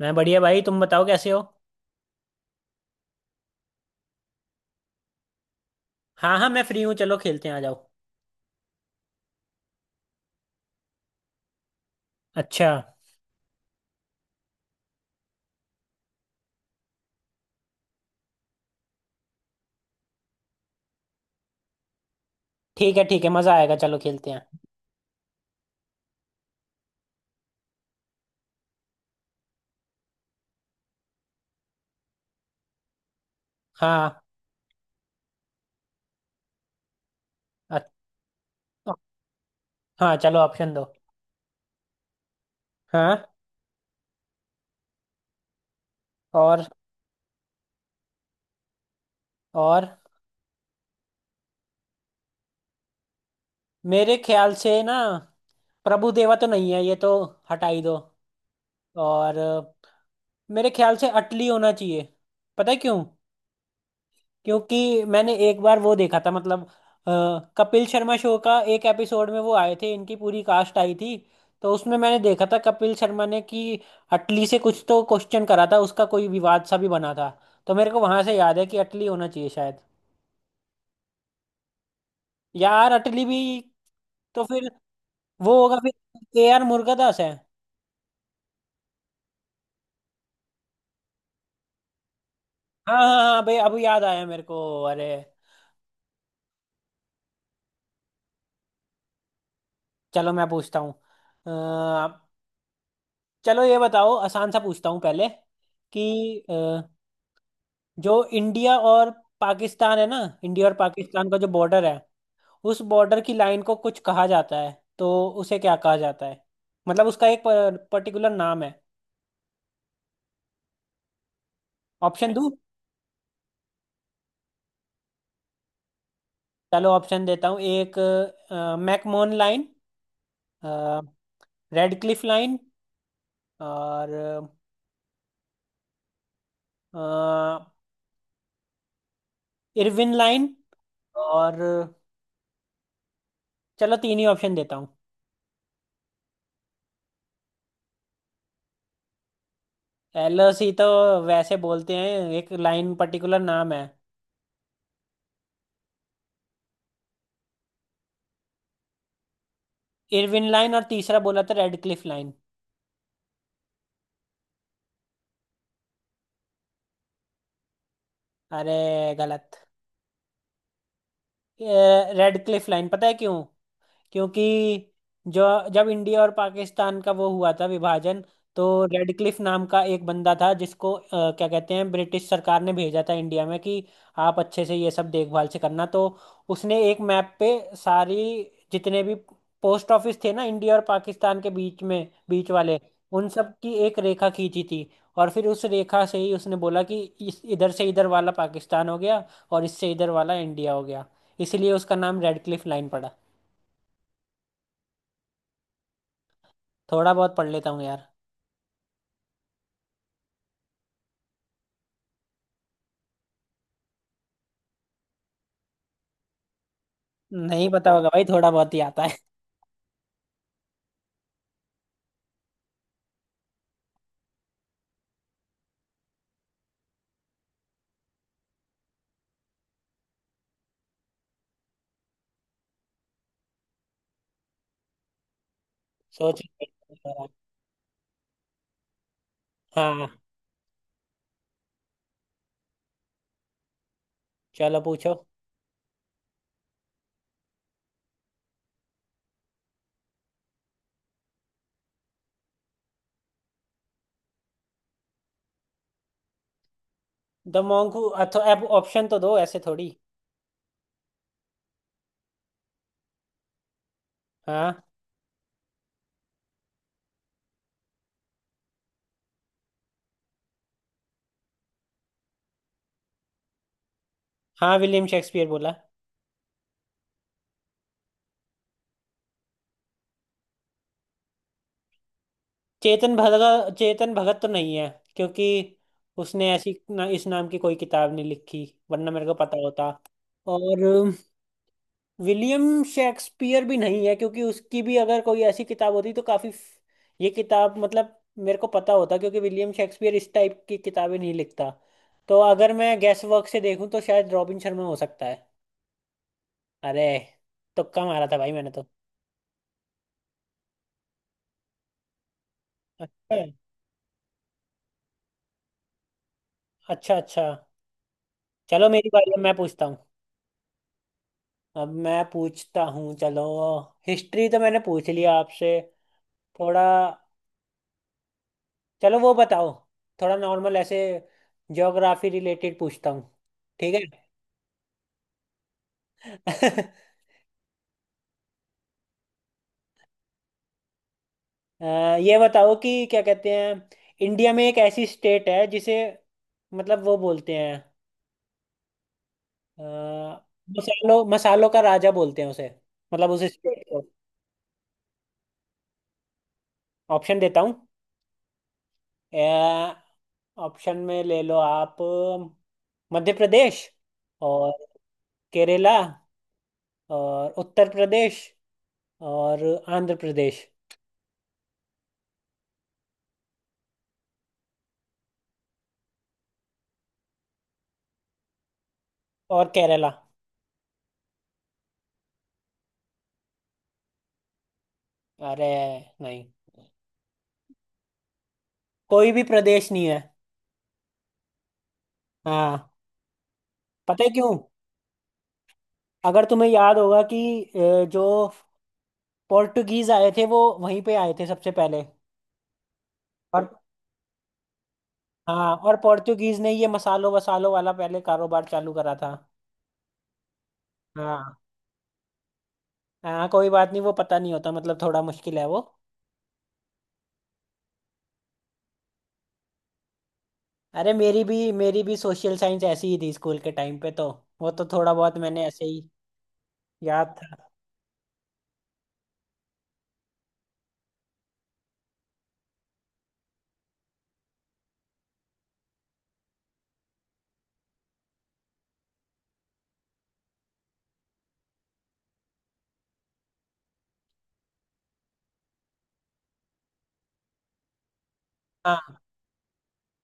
मैं बढ़िया भाई। तुम बताओ कैसे हो। हाँ हाँ, मैं फ्री हूँ, चलो खेलते हैं, आ जाओ। अच्छा। ठीक है ठीक है, मज़ा आएगा, चलो खेलते हैं। हाँ। अ- हाँ चलो ऑप्शन दो। हाँ। और। और मेरे ख्याल से ना प्रभु देवा तो नहीं है ये तो, हटा ही दो। और मेरे ख्याल से अटली होना चाहिए। पता है क्यों? क्योंकि मैंने एक बार वो देखा था, मतलब अ, कपिल शर्मा शो का एक एपिसोड में वो आए थे, इनकी पूरी कास्ट आई थी। तो उसमें मैंने देखा था कपिल शर्मा ने कि अटली से कुछ तो क्वेश्चन करा था, उसका कोई विवाद सा भी बना था। तो मेरे को वहां से याद है कि अटली होना चाहिए शायद। यार अटली भी। तो फिर वो होगा फिर। के आर मुर्गदास है। हाँ हाँ हाँ भाई, अब याद आया मेरे को अरे। चलो मैं पूछता हूँ। अ, चलो ये बताओ, आसान सा पूछता हूँ पहले। कि जो इंडिया और पाकिस्तान है ना, इंडिया और पाकिस्तान का जो बॉर्डर है, उस बॉर्डर की लाइन को कुछ कहा जाता है। तो उसे क्या कहा जाता है? मतलब उसका एक पर्टिकुलर नाम है। ऑप्शन दूं? चलो ऑप्शन देता हूँ। एक, McMahon line. Radcliffe line. और इरविन लाइन। और, चलो तीन ही ऑप्शन देता हूँ। एलओसी तो वैसे बोलते हैं, एक लाइन पर्टिकुलर नाम है। इरविन लाइन, और तीसरा बोला था रेड क्लिफ लाइन। अरे गलत। Radcliffe line. पता है क्यों? क्योंकि जो जब इंडिया और पाकिस्तान का वो हुआ था विभाजन, तो रेडक्लिफ नाम का एक बंदा था जिसको क्या कहते हैं, ब्रिटिश सरकार ने भेजा था इंडिया में कि आप अच्छे से ये सब देखभाल से करना। तो उसने एक मैप पे सारी, जितने भी पोस्ट ऑफिस थे ना इंडिया और पाकिस्तान के बीच में, बीच वाले उन सब की एक रेखा खींची थी। और फिर उस रेखा से ही उसने बोला कि इस इधर से इधर वाला पाकिस्तान हो गया, और इससे इधर वाला इंडिया हो गया। इसलिए उसका नाम रेडक्लिफ लाइन पड़ा। थोड़ा बहुत पढ़ लेता हूँ यार। नहीं पता होगा भाई, थोड़ा बहुत ही आता है। सोच रहा हूँ। हाँ चलो पूछो। द मॉन्क हू अथो, अब ऑप्शन तो दो ऐसे थोड़ी। हाँ, हाँ विलियम शेक्सपियर बोला। चेतन भगत? चेतन भगत तो नहीं है, क्योंकि उसने ऐसी ना, इस नाम की कोई किताब नहीं लिखी, वरना मेरे को पता होता। और विलियम शेक्सपियर भी नहीं है, क्योंकि उसकी भी अगर कोई ऐसी किताब होती तो काफी ये किताब मतलब मेरे को पता होता, क्योंकि विलियम शेक्सपियर इस टाइप की किताबें नहीं लिखता। तो अगर मैं गैस वर्क से देखूं तो शायद रॉबिन शर्मा हो सकता है। अरे, तुक्का मारा था भाई मैंने तो। अच्छा अच्छा अच्छा। चलो मेरी बारी है, मैं पूछता हूँ। अब मैं पूछता हूँ चलो। हिस्ट्री तो मैंने पूछ लिया आपसे। थोड़ा, चलो वो बताओ, थोड़ा नॉर्मल ऐसे ज्योग्राफी रिलेटेड पूछता हूँ। ठीक है। अ, ये बताओ कि क्या कहते हैं, इंडिया में एक ऐसी स्टेट है जिसे, मतलब वो बोलते हैं अ, मसालों मसालों का राजा बोलते हैं उसे। मतलब उसे स्टेट को। ऑप्शन देता हूँ। ऑप्शन में ले लो आप, मध्य प्रदेश। और केरला। और उत्तर प्रदेश। और आंध्र प्रदेश। और केरला। अरे नहीं, कोई भी प्रदेश नहीं है। हाँ। पता है क्यों? अगर तुम्हें याद होगा कि जो पोर्टुगीज आए थे वो वहीं पे आए थे सबसे पहले। और, हाँ, और पोर्टुगीज ने ये मसालों वसालों वाला पहले कारोबार चालू करा था। हाँ। हाँ कोई बात नहीं, वो पता नहीं होता, मतलब थोड़ा मुश्किल है वो। अरे मेरी भी सोशल साइंस ऐसी ही थी स्कूल के टाइम पे, तो वो तो थोड़ा बहुत मैंने ऐसे ही याद था। हाँ।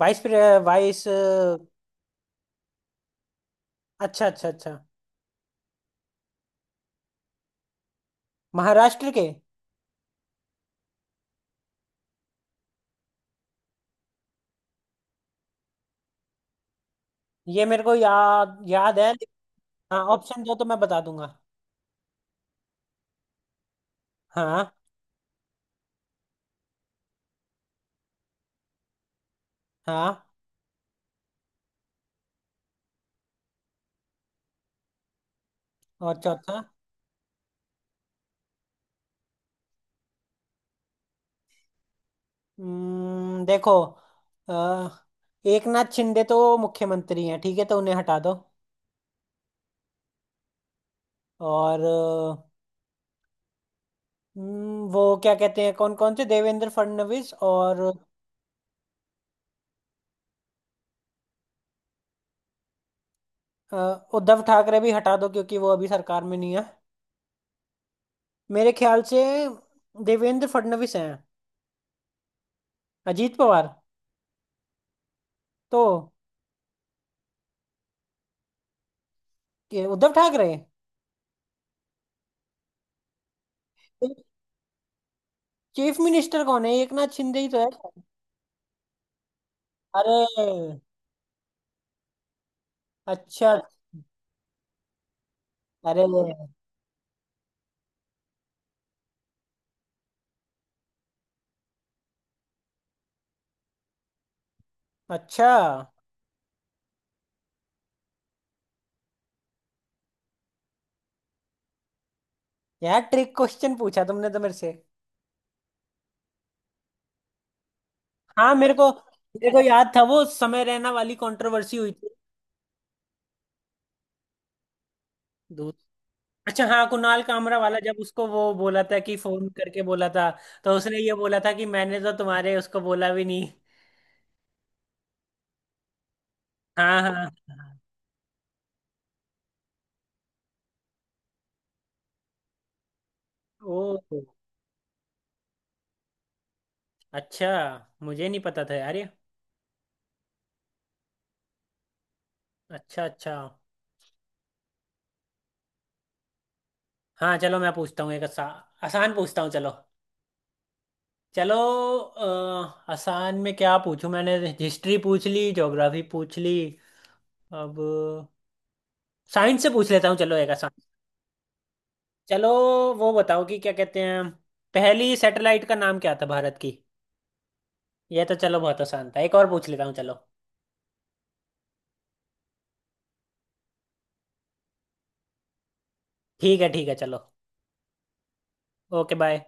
वाइस प्रे- वाइस, अच्छा अच्छा अच्छा। महाराष्ट्र के। ये मेरे को याद याद है। हाँ ऑप्शन दो तो मैं बता दूंगा। हाँ। हाँ। और चौथा? देखो, आ, एक नाथ शिंदे तो मुख्यमंत्री हैं, ठीक है, तो उन्हें हटा दो। और वो क्या कहते हैं, कौन कौन से? देवेंद्र फडणवीस और, अ, उद्धव ठाकरे भी हटा दो क्योंकि वो अभी सरकार में नहीं है। मेरे ख्याल से देवेंद्र फडणवीस हैं। अजीत पवार? तो ये उद्धव ठाकरे? चीफ मिनिस्टर कौन है, एक नाथ शिंदे ही तो है। अरे। अच्छा। अरे। अच्छा। यार ट्रिक क्वेश्चन पूछा तुमने तो मेरे से। हाँ मेरे को, मेरे को याद था, वो समय रैना वाली कंट्रोवर्सी हुई थी। दूध, अच्छा, हाँ कुणाल कामरा वाला, जब उसको वो बोला था कि फोन करके बोला था। तो उसने ये बोला था कि मैंने तो तुम्हारे उसको बोला भी नहीं। हाँ हाँ हाँ। ओ, अच्छा, मुझे नहीं पता था यार ये। अच्छा अच्छा। हाँ चलो मैं पूछता हूँ एक आसान पूछता हूँ चलो। चलो। आसान में क्या पूछूं, मैंने हिस्ट्री पूछ ली, ज्योग्राफी पूछ ली। अब साइंस से पूछ लेता हूँ, चलो एक आसान। चलो वो बताओ कि क्या कहते हैं, पहली सैटेलाइट का नाम क्या था भारत की? ये तो चलो बहुत आसान था, एक और पूछ लेता हूँ चलो। ठीक है चलो। Okay bye.